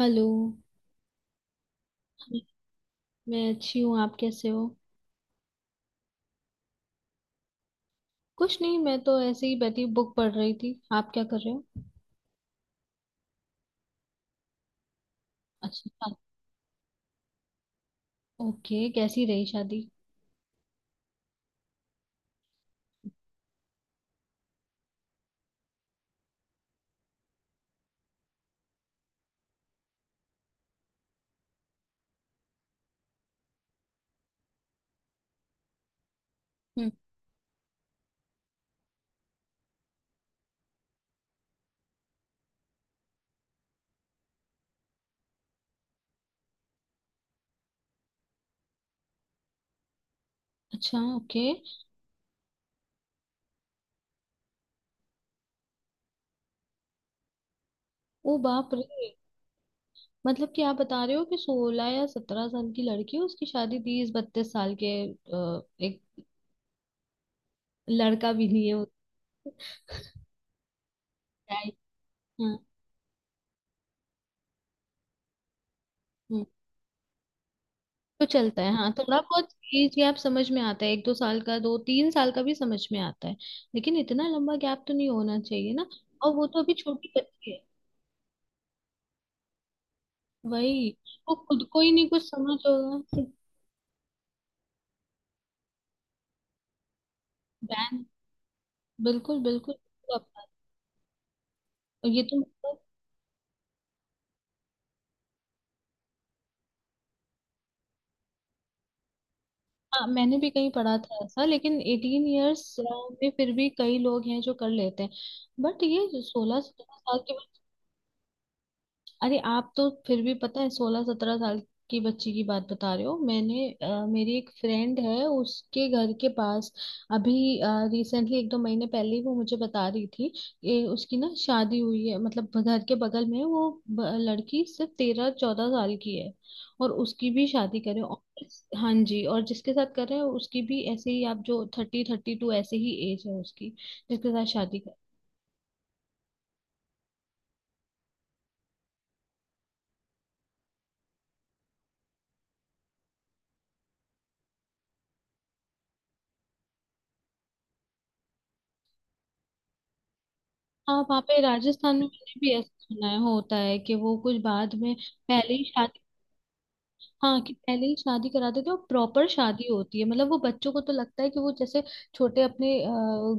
Hello. मैं अच्छी हूँ, आप कैसे हो। कुछ नहीं, मैं तो ऐसे ही बैठी बुक पढ़ रही थी। आप क्या कर रहे हो। अच्छा। ओके, कैसी रही शादी। हम्म। अच्छा, ओके। ओ बाप रे। मतलब कि आप बता रहे हो कि 16 या 17 साल की लड़की है, उसकी शादी 30 32 साल के एक लड़का भी नहीं है उसका। हाँ, तो चलता है हाँ थोड़ा बहुत। एज गैप समझ में आता है, एक दो साल का, दो तीन साल का भी समझ में आता है। लेकिन इतना लंबा गैप तो नहीं होना चाहिए ना। और वो तो अभी छोटी बच्ची है। वही। वो खुद को ही नहीं कुछ समझ होगा। बैन। बिल्कुल बिल्कुल। और ये तो मतलब। हाँ मैंने भी कहीं पढ़ा था ऐसा, लेकिन 18 इयर्स में फिर भी कई लोग हैं जो कर लेते हैं। बट ये 16 17 साल की। अरे आप तो फिर भी पता है 16 17 साल की बच्ची की बात बता रहे हो। मैंने मेरी एक फ्रेंड है उसके घर के पास। अभी रिसेंटली एक दो महीने पहले ही वो मुझे बता रही थी कि उसकी ना शादी हुई है। मतलब घर के बगल में वो लड़की सिर्फ 13 14 साल की है। और उसकी भी शादी करे और। हाँ जी। और जिसके साथ कर रहे हैं उसकी भी ऐसे ही, आप जो 30 32 ऐसे ही एज है उसकी, जिसके साथ शादी। हाँ वहाँ पे राजस्थान में मैंने भी ऐसा सुना है, होता है कि वो कुछ बाद में पहले ही शादी। हाँ कि पहले ही शादी करा देते हैं, और प्रॉपर शादी होती है। मतलब वो बच्चों को तो लगता है कि वो जैसे छोटे अपने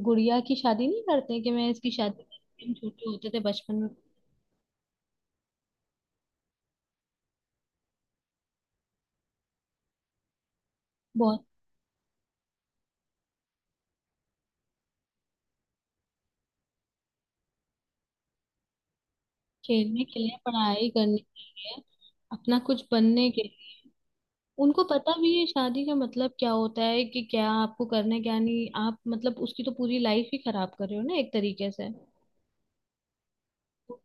गुड़िया की शादी नहीं करते हैं कि मैं इसकी शादी करूंगी। हम छोटे होते थे बचपन में। बहुत। खेलने के लिए, पढ़ाई करने के लिए। अपना कुछ बनने के लिए। उनको पता भी है शादी का मतलब क्या होता है, कि क्या आपको करना है क्या नहीं। आप मतलब उसकी तो पूरी लाइफ ही खराब कर रहे हो ना एक तरीके से।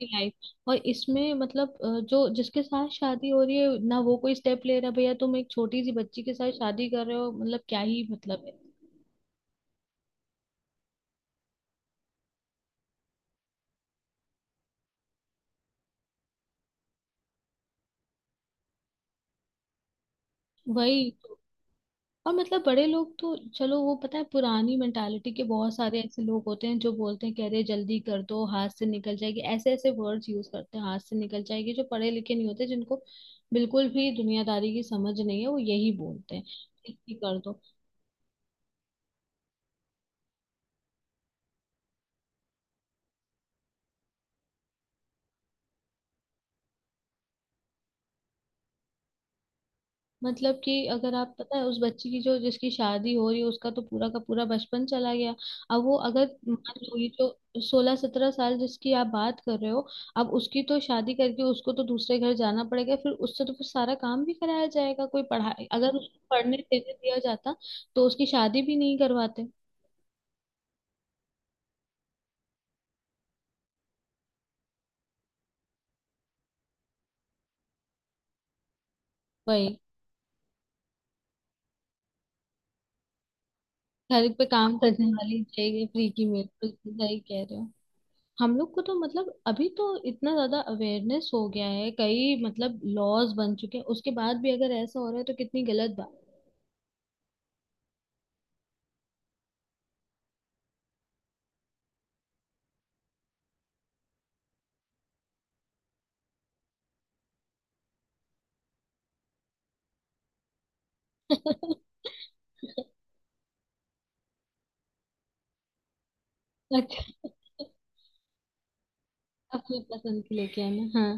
लाइफ। और इसमें मतलब जो जिसके साथ शादी हो रही है ना, वो कोई स्टेप ले रहा है, भैया तुम एक छोटी सी बच्ची के साथ शादी कर रहे हो, मतलब क्या ही मतलब है। वही तो। और मतलब बड़े लोग तो चलो, वो पता है पुरानी मेंटालिटी के बहुत सारे ऐसे लोग होते हैं जो बोलते हैं, कह रहे जल्दी कर दो, हाथ से निकल जाएगी। ऐसे ऐसे वर्ड्स यूज करते हैं, हाथ से निकल जाएगी। जो पढ़े लिखे नहीं होते, जिनको बिल्कुल भी दुनियादारी की समझ नहीं है, वो यही बोलते हैं जल्दी कर दो। मतलब कि अगर आप पता है उस बच्ची की जो जिसकी शादी हो रही है, उसका तो पूरा का पूरा बचपन चला गया। अब वो अगर मान लो ये जो 16 17 साल जिसकी आप बात कर रहे हो, अब उसकी तो शादी करके उसको तो दूसरे घर जाना पड़ेगा। फिर उससे तो फिर सारा काम भी कराया जाएगा। कोई पढ़ाई अगर उसको पढ़ने देने दिया जाता तो उसकी शादी भी नहीं करवाते। वही। घर पे काम करने वाली चाहिए फ्री की। मेरे बिल्कुल सही कह रहे हो। हम लोग को तो मतलब अभी तो इतना ज्यादा अवेयरनेस हो गया है, कई मतलब लॉज बन चुके हैं, उसके बाद भी अगर ऐसा हो रहा है तो कितनी गलत बात है। अच्छा, अपनी पसंद की लेके आना, हाँ।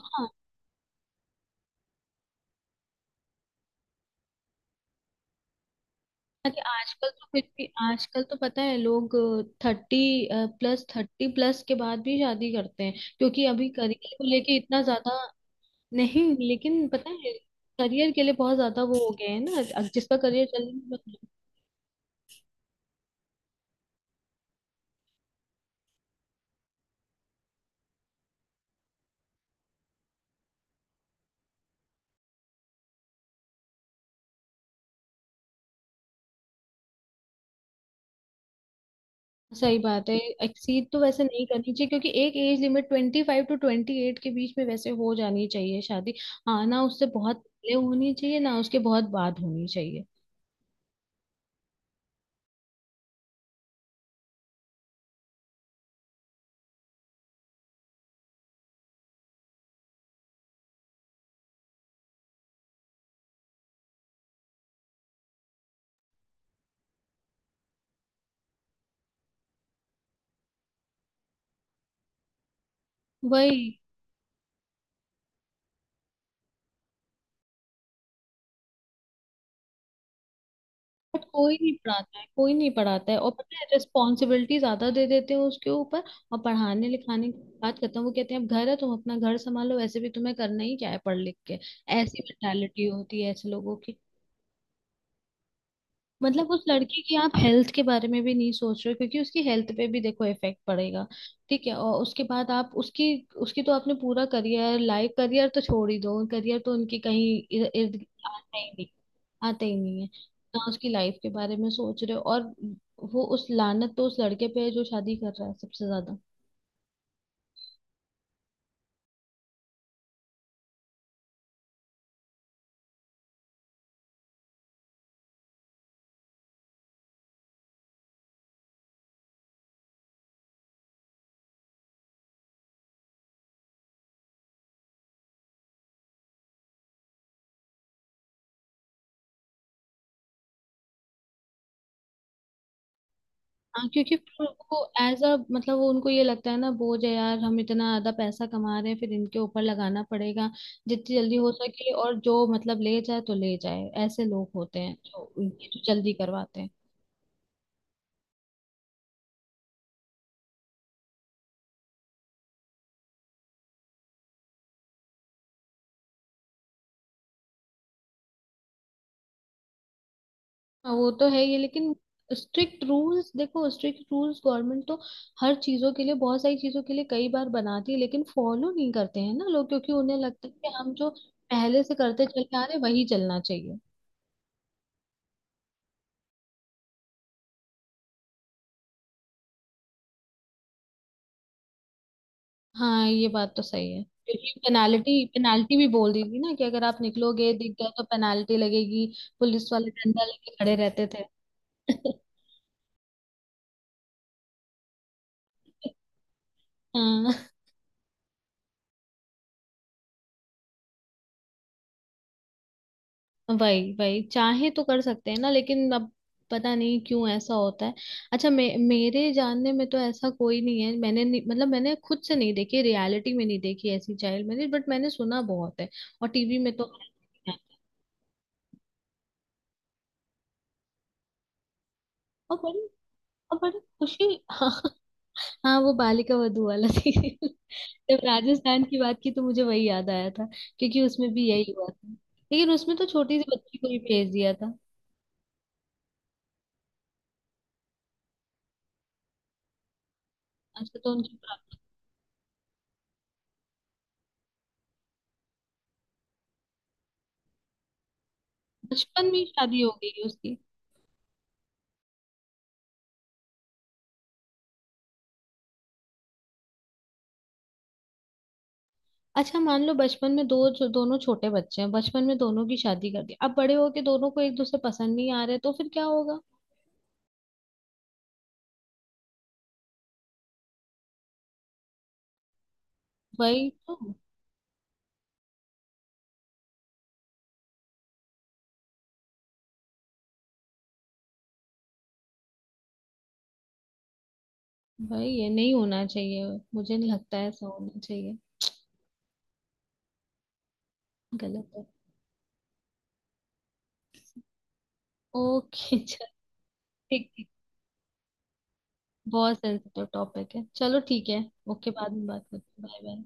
हाँ, ताकि आजकल तो फिर भी। आजकल तो पता है लोग 30+, 30+ के बाद भी शादी करते हैं क्योंकि अभी करियर को लेके इतना ज्यादा। नहीं। लेकिन पता है करियर के लिए बहुत ज्यादा वो हो गए हैं ना, जिसका करियर चल रहा है। सही बात है। एक्सीड तो वैसे नहीं करनी चाहिए, क्योंकि एक एज लिमिट 25 टू 28 के बीच में वैसे हो जानी चाहिए शादी। हाँ, ना उससे बहुत पहले होनी चाहिए, ना उसके बहुत बाद होनी चाहिए। वही। बट कोई नहीं पढ़ाता है, कोई नहीं पढ़ाता है, और पता है रिस्पॉन्सिबिलिटी ज्यादा दे देते हैं उसके ऊपर। और पढ़ाने लिखाने की बात करता हूँ, वो कहते हैं अब घर है, तुम अपना घर संभालो, वैसे भी तुम्हें करना ही क्या है पढ़ लिख के। ऐसी मेंटालिटी होती है ऐसे लोगों की। मतलब उस लड़की की आप हेल्थ के बारे में भी नहीं सोच रहे हो, क्योंकि उसकी हेल्थ पे भी देखो इफेक्ट पड़ेगा। ठीक है, और उसके बाद आप उसकी, उसकी तो आपने पूरा करियर लाइफ, करियर तो छोड़ ही दो, करियर तो उनकी कहीं इर्द गिर्द आता ही नहीं, आता ही नहीं है ना। उसकी लाइफ के बारे में सोच रहे हो, और वो उस लानत तो उस लड़के पे है जो शादी कर रहा है सबसे ज्यादा। हाँ क्योंकि फिर वो एज अ मतलब वो उनको ये लगता है ना बोझ है यार, हम इतना ज्यादा पैसा कमा रहे हैं, फिर इनके ऊपर लगाना पड़ेगा। जितनी जल्दी हो सके, और जो मतलब ले जाए तो ले जाए। ऐसे लोग होते हैं जो ये जो जल्दी करवाते हैं। हाँ वो तो है ये लेकिन। स्ट्रिक्ट रूल्स देखो, स्ट्रिक्ट रूल्स गवर्नमेंट तो हर चीजों के लिए, बहुत सारी चीजों के लिए कई बार बनाती है, लेकिन फॉलो नहीं करते हैं ना लोग, क्योंकि उन्हें लगता है कि हम जो पहले से करते चले आ रहे वही चलना चाहिए। हाँ ये बात तो सही है, क्योंकि पेनाल्टी, पेनाल्टी भी बोल दी थी ना कि अगर आप निकलोगे, दिख गए तो पेनाल्टी लगेगी। पुलिस वाले डंडा लेके खड़े रहते थे। हाँ। वही वही चाहे तो कर सकते हैं ना, लेकिन अब पता नहीं क्यों ऐसा होता है। अच्छा मेरे जानने में तो ऐसा कोई नहीं है। मैंने नहीं, मतलब मैंने खुद से नहीं देखी, रियलिटी में नहीं देखी ऐसी चाइल्ड मैरिज, बट मैंने सुना बहुत है। और टीवी में तो है। और बड़ी। और बड़ी खुशी। हाँ वो बालिका वधू वाला सीरियल, जब राजस्थान की बात की तो मुझे वही याद आया था। क्योंकि उसमें भी यही हुआ था। लेकिन उसमें तो छोटी सी बच्ची को ही भेज दिया था। अच्छा तो उनकी बचपन में ही शादी हो गई उसकी। अच्छा मान लो बचपन में दो जो दोनों छोटे बच्चे हैं, बचपन में दोनों की शादी कर दी, अब बड़े होके दोनों को एक दूसरे पसंद नहीं आ रहे, तो फिर क्या होगा। वही तो। भाई ये नहीं होना चाहिए। मुझे नहीं लगता है ऐसा होना चाहिए। गलत है। ओके चल ठीक। ठीक। बहुत सेंसिटिव टॉपिक है, चलो ठीक है। ओके, बाद में बात करते हैं, बाय बाय।